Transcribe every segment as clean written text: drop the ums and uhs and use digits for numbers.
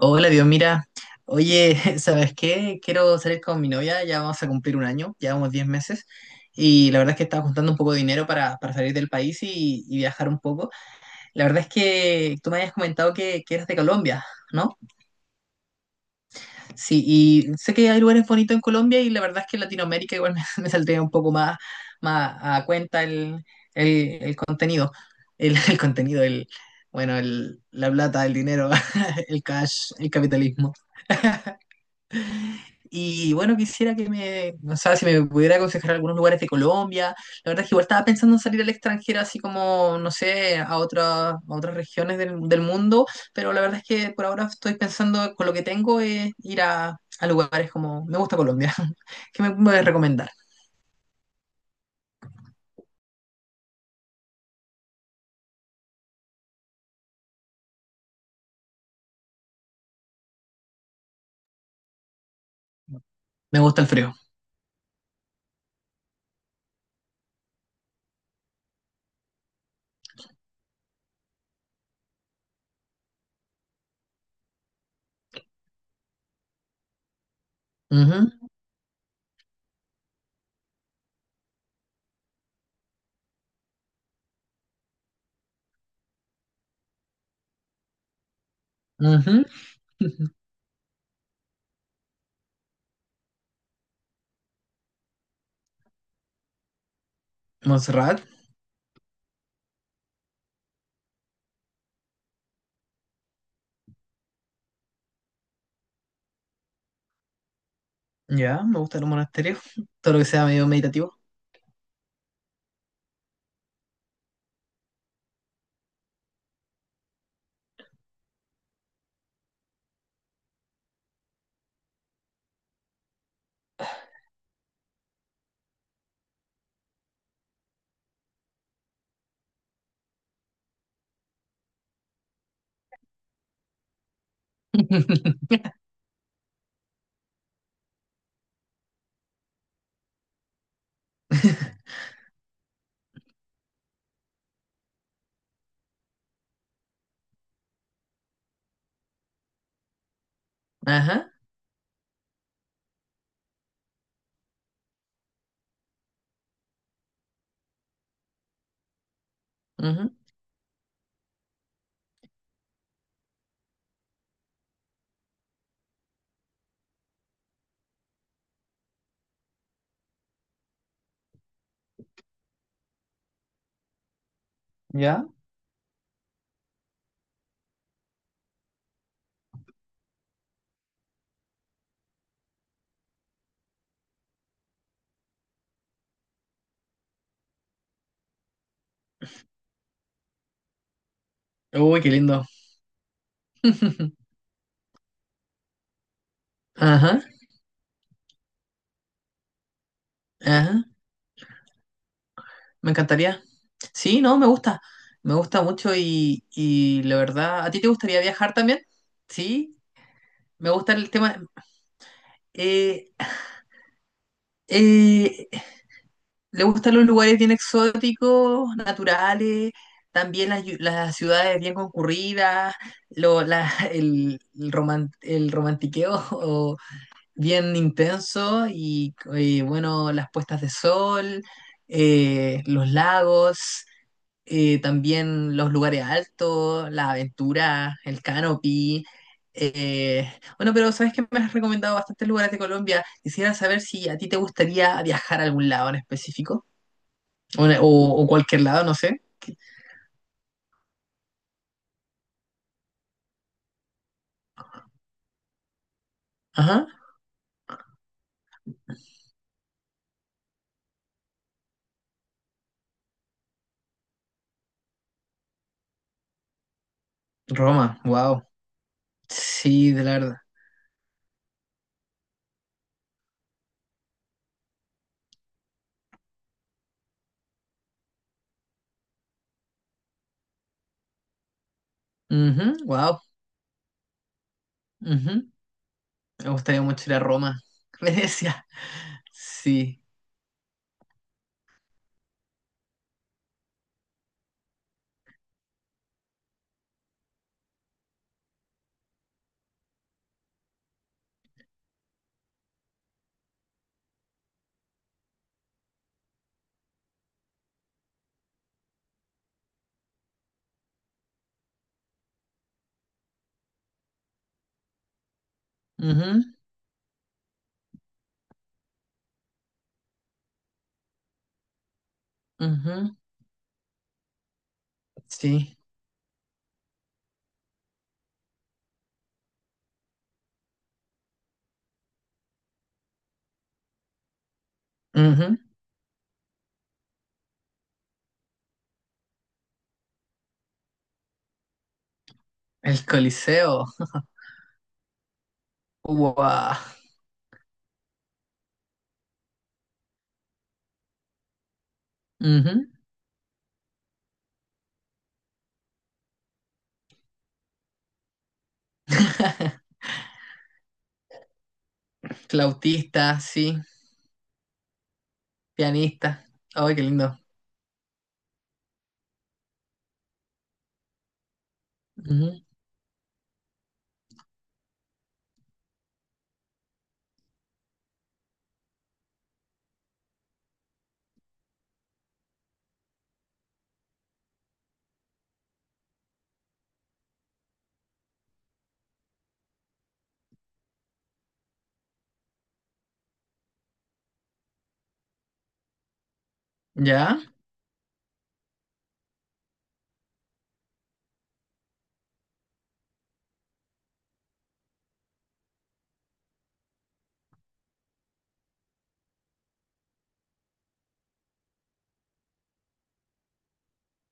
Hola, Dios, mira. Oye, ¿sabes qué? Quiero salir con mi novia, ya vamos a cumplir un año, llevamos 10 meses. Y la verdad es que estaba juntando un poco de dinero para salir del país y viajar un poco. La verdad es que tú me habías comentado que eras de Colombia, ¿no? Sí, y sé que hay lugares bonitos en Colombia y la verdad es que en Latinoamérica igual me, me saldría un poco más, más a cuenta el, el contenido. El, el contenido, el, bueno, el, la plata, el dinero, el cash, el capitalismo. Y bueno, quisiera que me, no sé si me pudiera aconsejar algunos lugares de Colombia. La verdad es que igual estaba pensando en salir al extranjero, así como, no sé, a otras regiones del mundo, pero la verdad es que por ahora estoy pensando con lo que tengo es ir a lugares como, me gusta Colombia. ¿Qué me puedes recomendar? Me gusta el frío. Ujú, ujú. Montserrat, ya, me gusta los monasterios, todo lo que sea medio meditativo. Ajá, ujú, ya. Uy, qué lindo. Ajá, ajá. Me encantaría. Sí, no, me gusta. Me gusta mucho y la verdad, ¿a ti te gustaría viajar también? Sí, me gusta el tema. eh, eh, Le gustan los lugares bien exóticos, naturales, también las, las ciudades bien concurridas, lo, el, el romantiqueo o bien intenso y, bueno, las puestas de sol, los lagos. También los lugares altos, las aventuras, el canopy. eh, bueno, pero sabes que me has recomendado bastantes lugares de Colombia. Quisiera saber si a ti te gustaría viajar a algún lado en específico o cualquier lado, no sé. Ajá, Roma, wow. Sí, de la verdad. Wow. Me gustaría mucho ir a Roma, Venecia. Sí. Ujú, ujú. Sí. Ujú. El Coliseo. Wow. Flautista, sí. Pianista. Ay, qué lindo. Ujú. ¿Ya?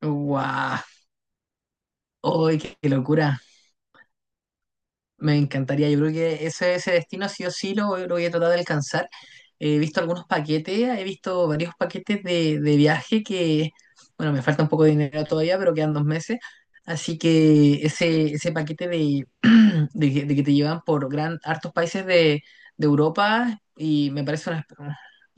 ¡Guau! ¡Ay, qué qué locura! Me encantaría, yo creo que ese destino sí o sí lo voy a tratar de alcanzar. He visto algunos paquetes, he visto varios paquetes de viaje que, bueno, me falta un poco de dinero todavía, pero quedan 2 meses. Así que ese paquete de, de que te llevan por gran, hartos países de Europa y me parece una...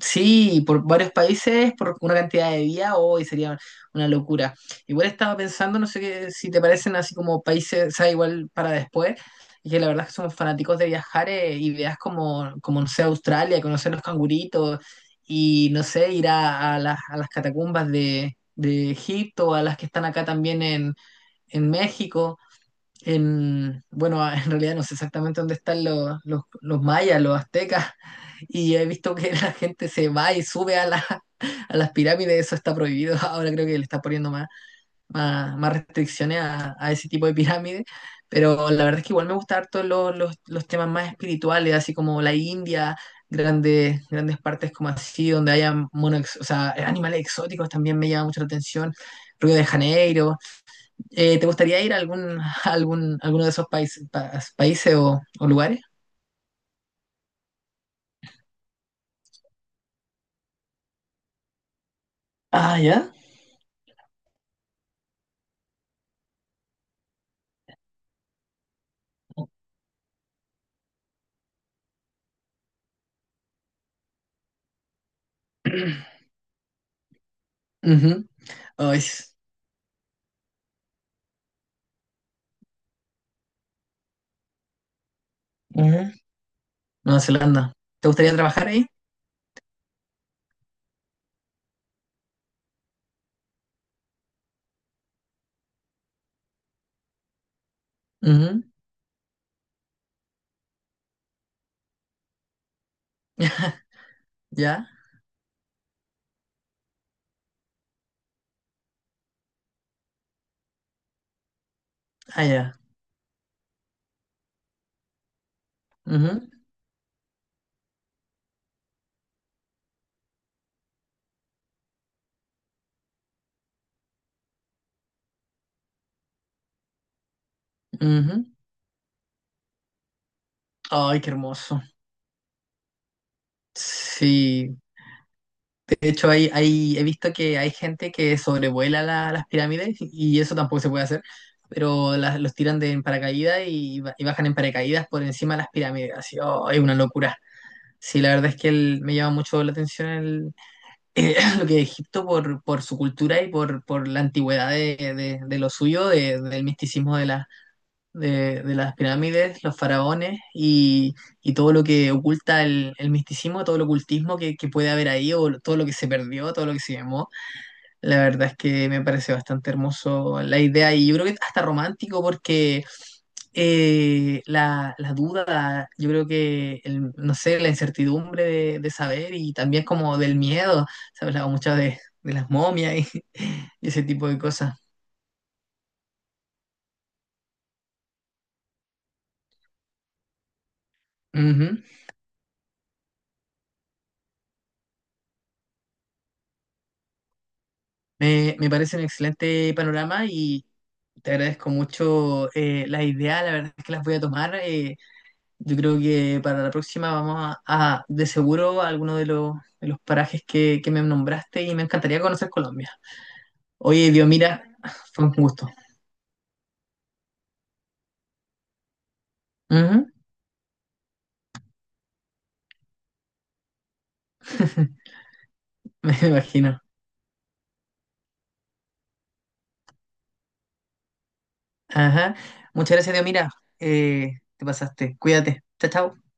Sí, por varios países, por una cantidad de días, hoy sería una locura. Igual estaba pensando, no sé qué, si te parecen así como países, o sea, igual para después y que la verdad es que somos fanáticos de viajar y veas como, como, no sé, Australia, conocer los canguritos y, no sé, ir a las catacumbas de Egipto, a las que están acá también en México. En, bueno, en realidad no sé exactamente dónde están los mayas, los aztecas, y he visto que la gente se va y sube a, la, a las pirámides, eso está prohibido, ahora creo que le está poniendo más más restricciones a ese tipo de pirámides, pero la verdad es que igual me gustan harto los temas más espirituales, así como la India, grandes, grandes partes como así, donde haya mono, o sea, animales exóticos también me llama mucho la atención. Río de Janeiro. ¿Te gustaría ir a algún, a algún, alguno de esos países, países o lugares? Ah, ya. Ujú. Oh, es- Ujú. Nueva Zelanda. ¿Te gustaría trabajar ahí? Ujú. ¿Ya? Ah, ya. Ujú, ujú. Ay, qué hermoso. Sí, de hecho hay, hay, he visto que hay gente que sobrevuela las pirámides y eso tampoco se puede hacer, pero las, los tiran de en paracaídas y, y bajan en paracaídas por encima de las pirámides. Así, oh, es una locura. Sí, la verdad es que me llama mucho la atención el, lo que es Egipto por su cultura y por la antigüedad de, de lo suyo, del misticismo de la de las pirámides, los faraones y todo lo que oculta el misticismo, todo el ocultismo que puede haber ahí o todo lo que se perdió, todo lo que se llamó. La verdad es que me parece bastante hermoso la idea y yo creo que hasta romántico porque la, la duda, yo creo que, no sé, la incertidumbre de saber y también como del miedo, se hablaba mucho de las momias y, y ese tipo de cosas. Me parece un excelente panorama y te agradezco mucho las ideas, la verdad es que las voy a tomar. Yo creo que para la próxima vamos a, de seguro a alguno de los parajes que me nombraste y me encantaría conocer Colombia. Oye, Dios, mira, fue un gusto. Ujú. Me imagino. Ajá. Muchas gracias, Dios, mira, te pasaste. Cuídate. Chao, chao.